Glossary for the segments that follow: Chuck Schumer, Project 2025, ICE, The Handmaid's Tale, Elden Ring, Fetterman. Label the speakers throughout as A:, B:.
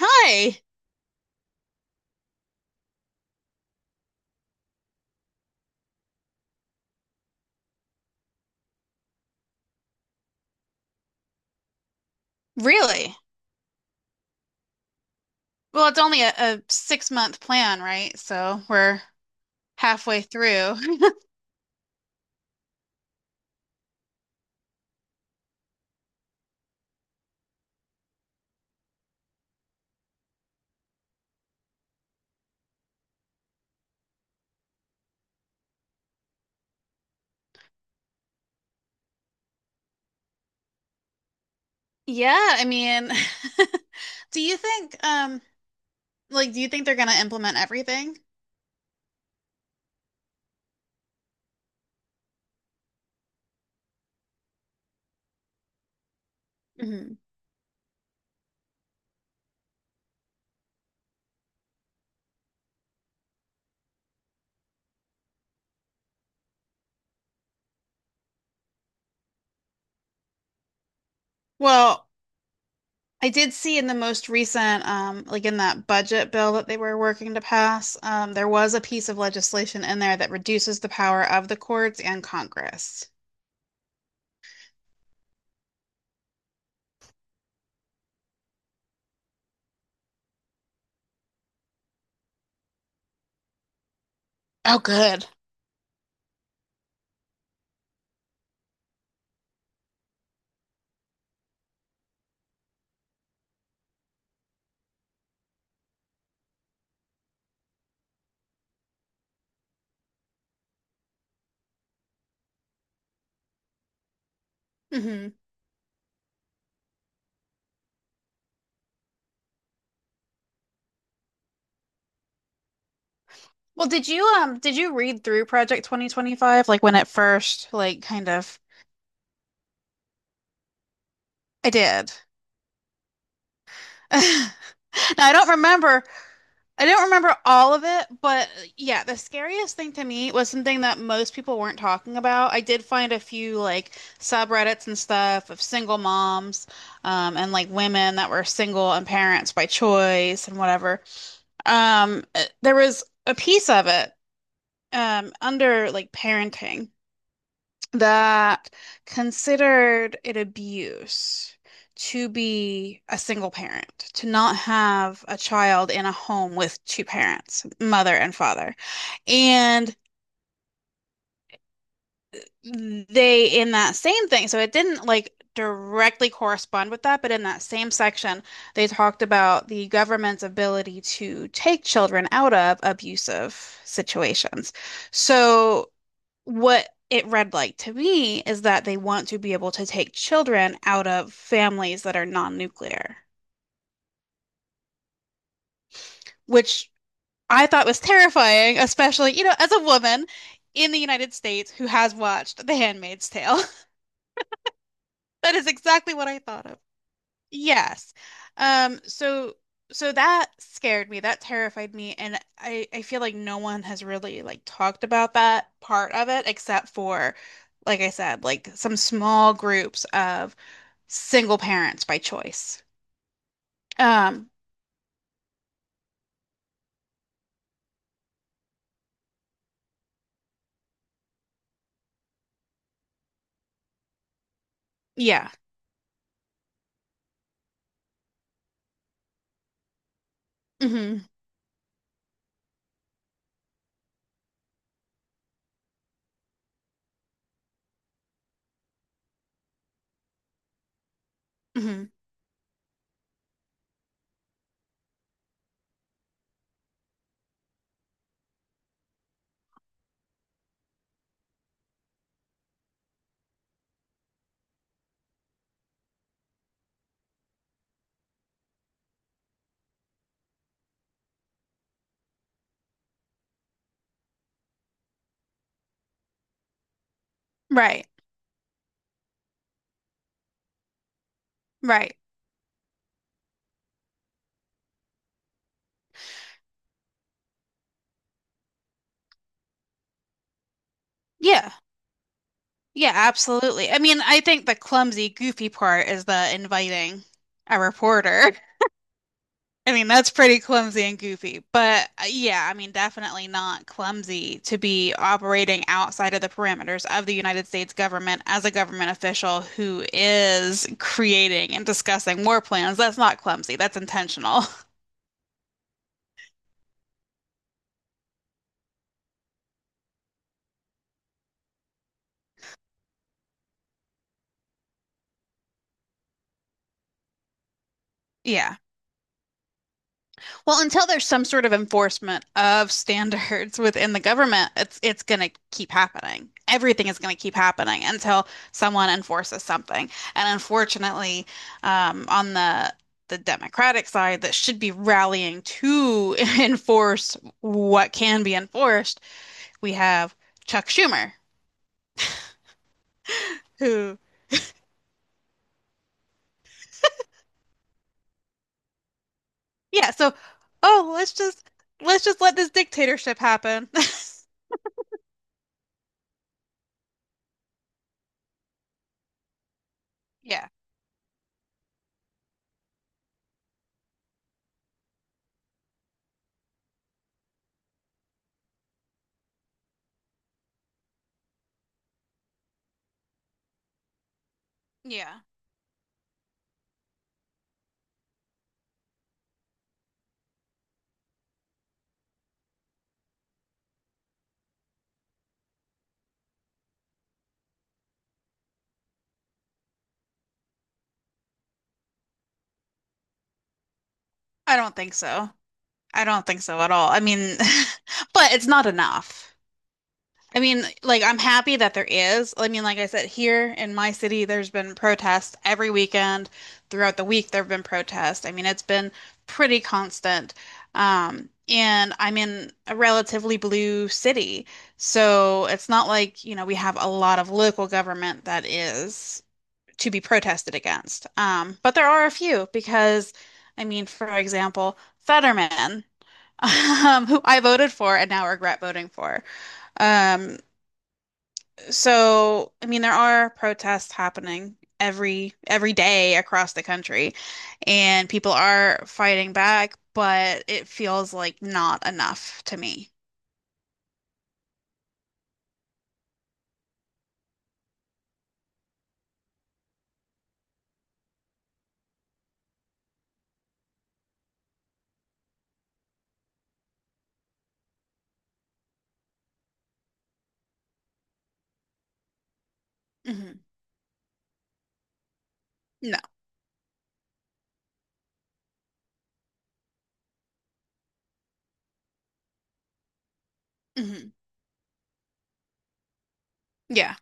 A: Hi. Really? Well, it's only a 6-month plan, right? So we're halfway through. Yeah, I mean, do you think like do you think they're gonna implement everything? Hmm. Well, I did see in the most recent like in that budget bill that they were working to pass, there was a piece of legislation in there that reduces the power of the courts and Congress. Oh, good. Well, did you read through Project 2025 like when it first like kind of I did. Now I don't remember all of it, but yeah, the scariest thing to me was something that most people weren't talking about. I did find a few like subreddits and stuff of single moms, and like women that were single and parents by choice and whatever. There was a piece of it, under like parenting that considered it abuse to be a single parent, to not have a child in a home with two parents, mother and father. And they, in that same thing, so it didn't like directly correspond with that, but in that same section, they talked about the government's ability to take children out of abusive situations. So what it read like to me is that they want to be able to take children out of families that are non-nuclear, which I thought was terrifying, especially, you know, as a woman in the United States who has watched The Handmaid's Tale. That is exactly what I thought of. Yes. Um, so so that scared me. That terrified me. And I feel like no one has really like talked about that part of it except for, like I said, like some small groups of single parents by choice. Um, yeah. Hmm. Hmm. Right. Right. Yeah. Yeah, absolutely. I mean, I think the clumsy, goofy part is the inviting a reporter. I mean, that's pretty clumsy and goofy, but yeah, I mean, definitely not clumsy to be operating outside of the parameters of the United States government as a government official who is creating and discussing war plans. That's not clumsy, that's intentional. Yeah. Well, until there's some sort of enforcement of standards within the government, it's going to keep happening. Everything is going to keep happening until someone enforces something. And unfortunately, on the Democratic side that should be rallying to enforce what can be enforced, we have Chuck Schumer, who, yeah, so oh, let's just let this dictatorship happen. Yeah, yeah. I don't think so. I don't think so at all. I mean, but it's not enough. I mean, like, I'm happy that there is. I mean, like I said, here in my city, there's been protests every weekend. Throughout the week, there have been protests. I mean, it's been pretty constant. And I'm in a relatively blue city. So it's not like, we have a lot of local government that is to be protested against. But there are a few because, I mean, for example, Fetterman who I voted for and now regret voting for. Um, so I mean, there are protests happening every day across the country, and people are fighting back, but it feels like not enough to me. Hmm. No. Hmm. Yeah.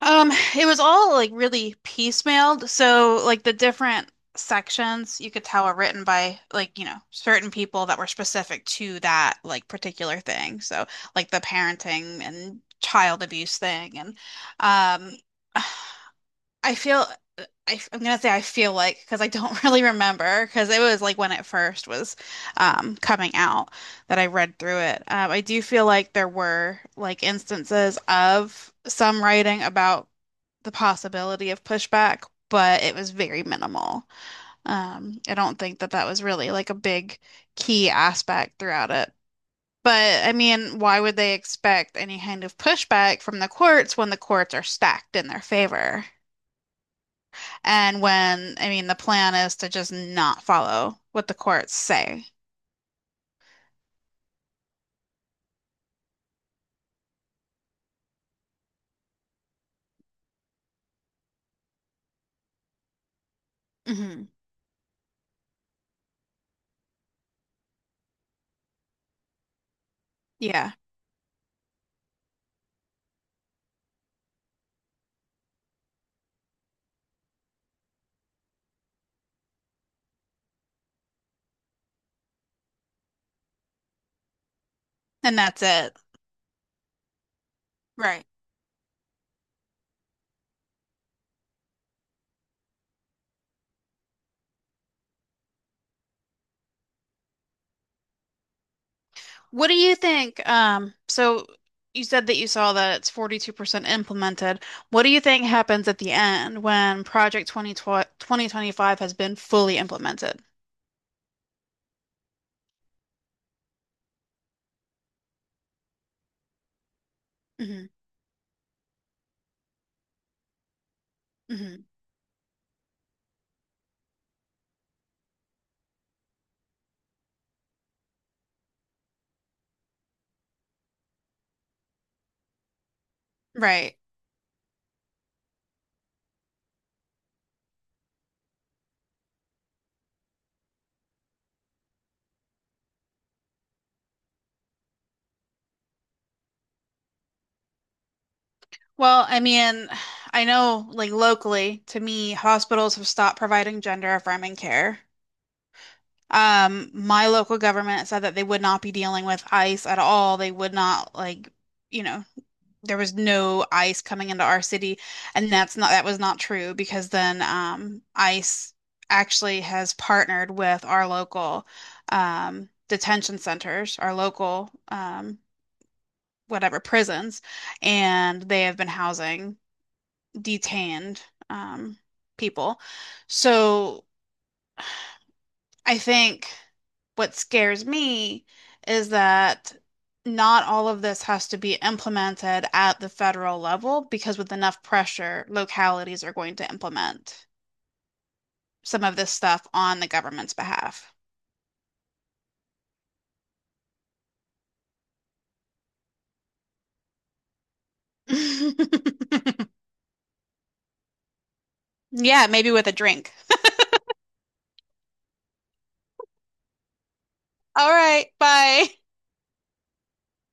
A: Um, it was all like really piecemealed. So like the different sections you could tell were written by like, certain people that were specific to that like particular thing. So like the parenting and child abuse thing. And um, I feel I'm gonna say I feel like because I don't really remember because it was like when it first was coming out that I read through it. I do feel like there were like instances of some writing about the possibility of pushback, but it was very minimal. I don't think that that was really like a big key aspect throughout it. But I mean, why would they expect any kind of pushback from the courts when the courts are stacked in their favor? And when, I mean, the plan is to just not follow what the courts say. Hmm. Yeah. And that's it. Right. What do you think? So you said that you saw that it's 42% implemented. What do you think happens at the end when Project Twenty Twenty Twenty Five has been fully implemented? Hmm. Hmm. Right. Well, I mean, I know like locally, to me, hospitals have stopped providing gender-affirming care. My local government said that they would not be dealing with ICE at all. They would not you know, there was no ice coming into our city and that was not true because then ICE actually has partnered with our local detention centers, our local, whatever, prisons, and they have been housing detained um people. So I think what scares me is that not all of this has to be implemented at the federal level because with enough pressure, localities are going to implement some of this stuff on the government's behalf. Yeah, maybe with a drink. All right, bye.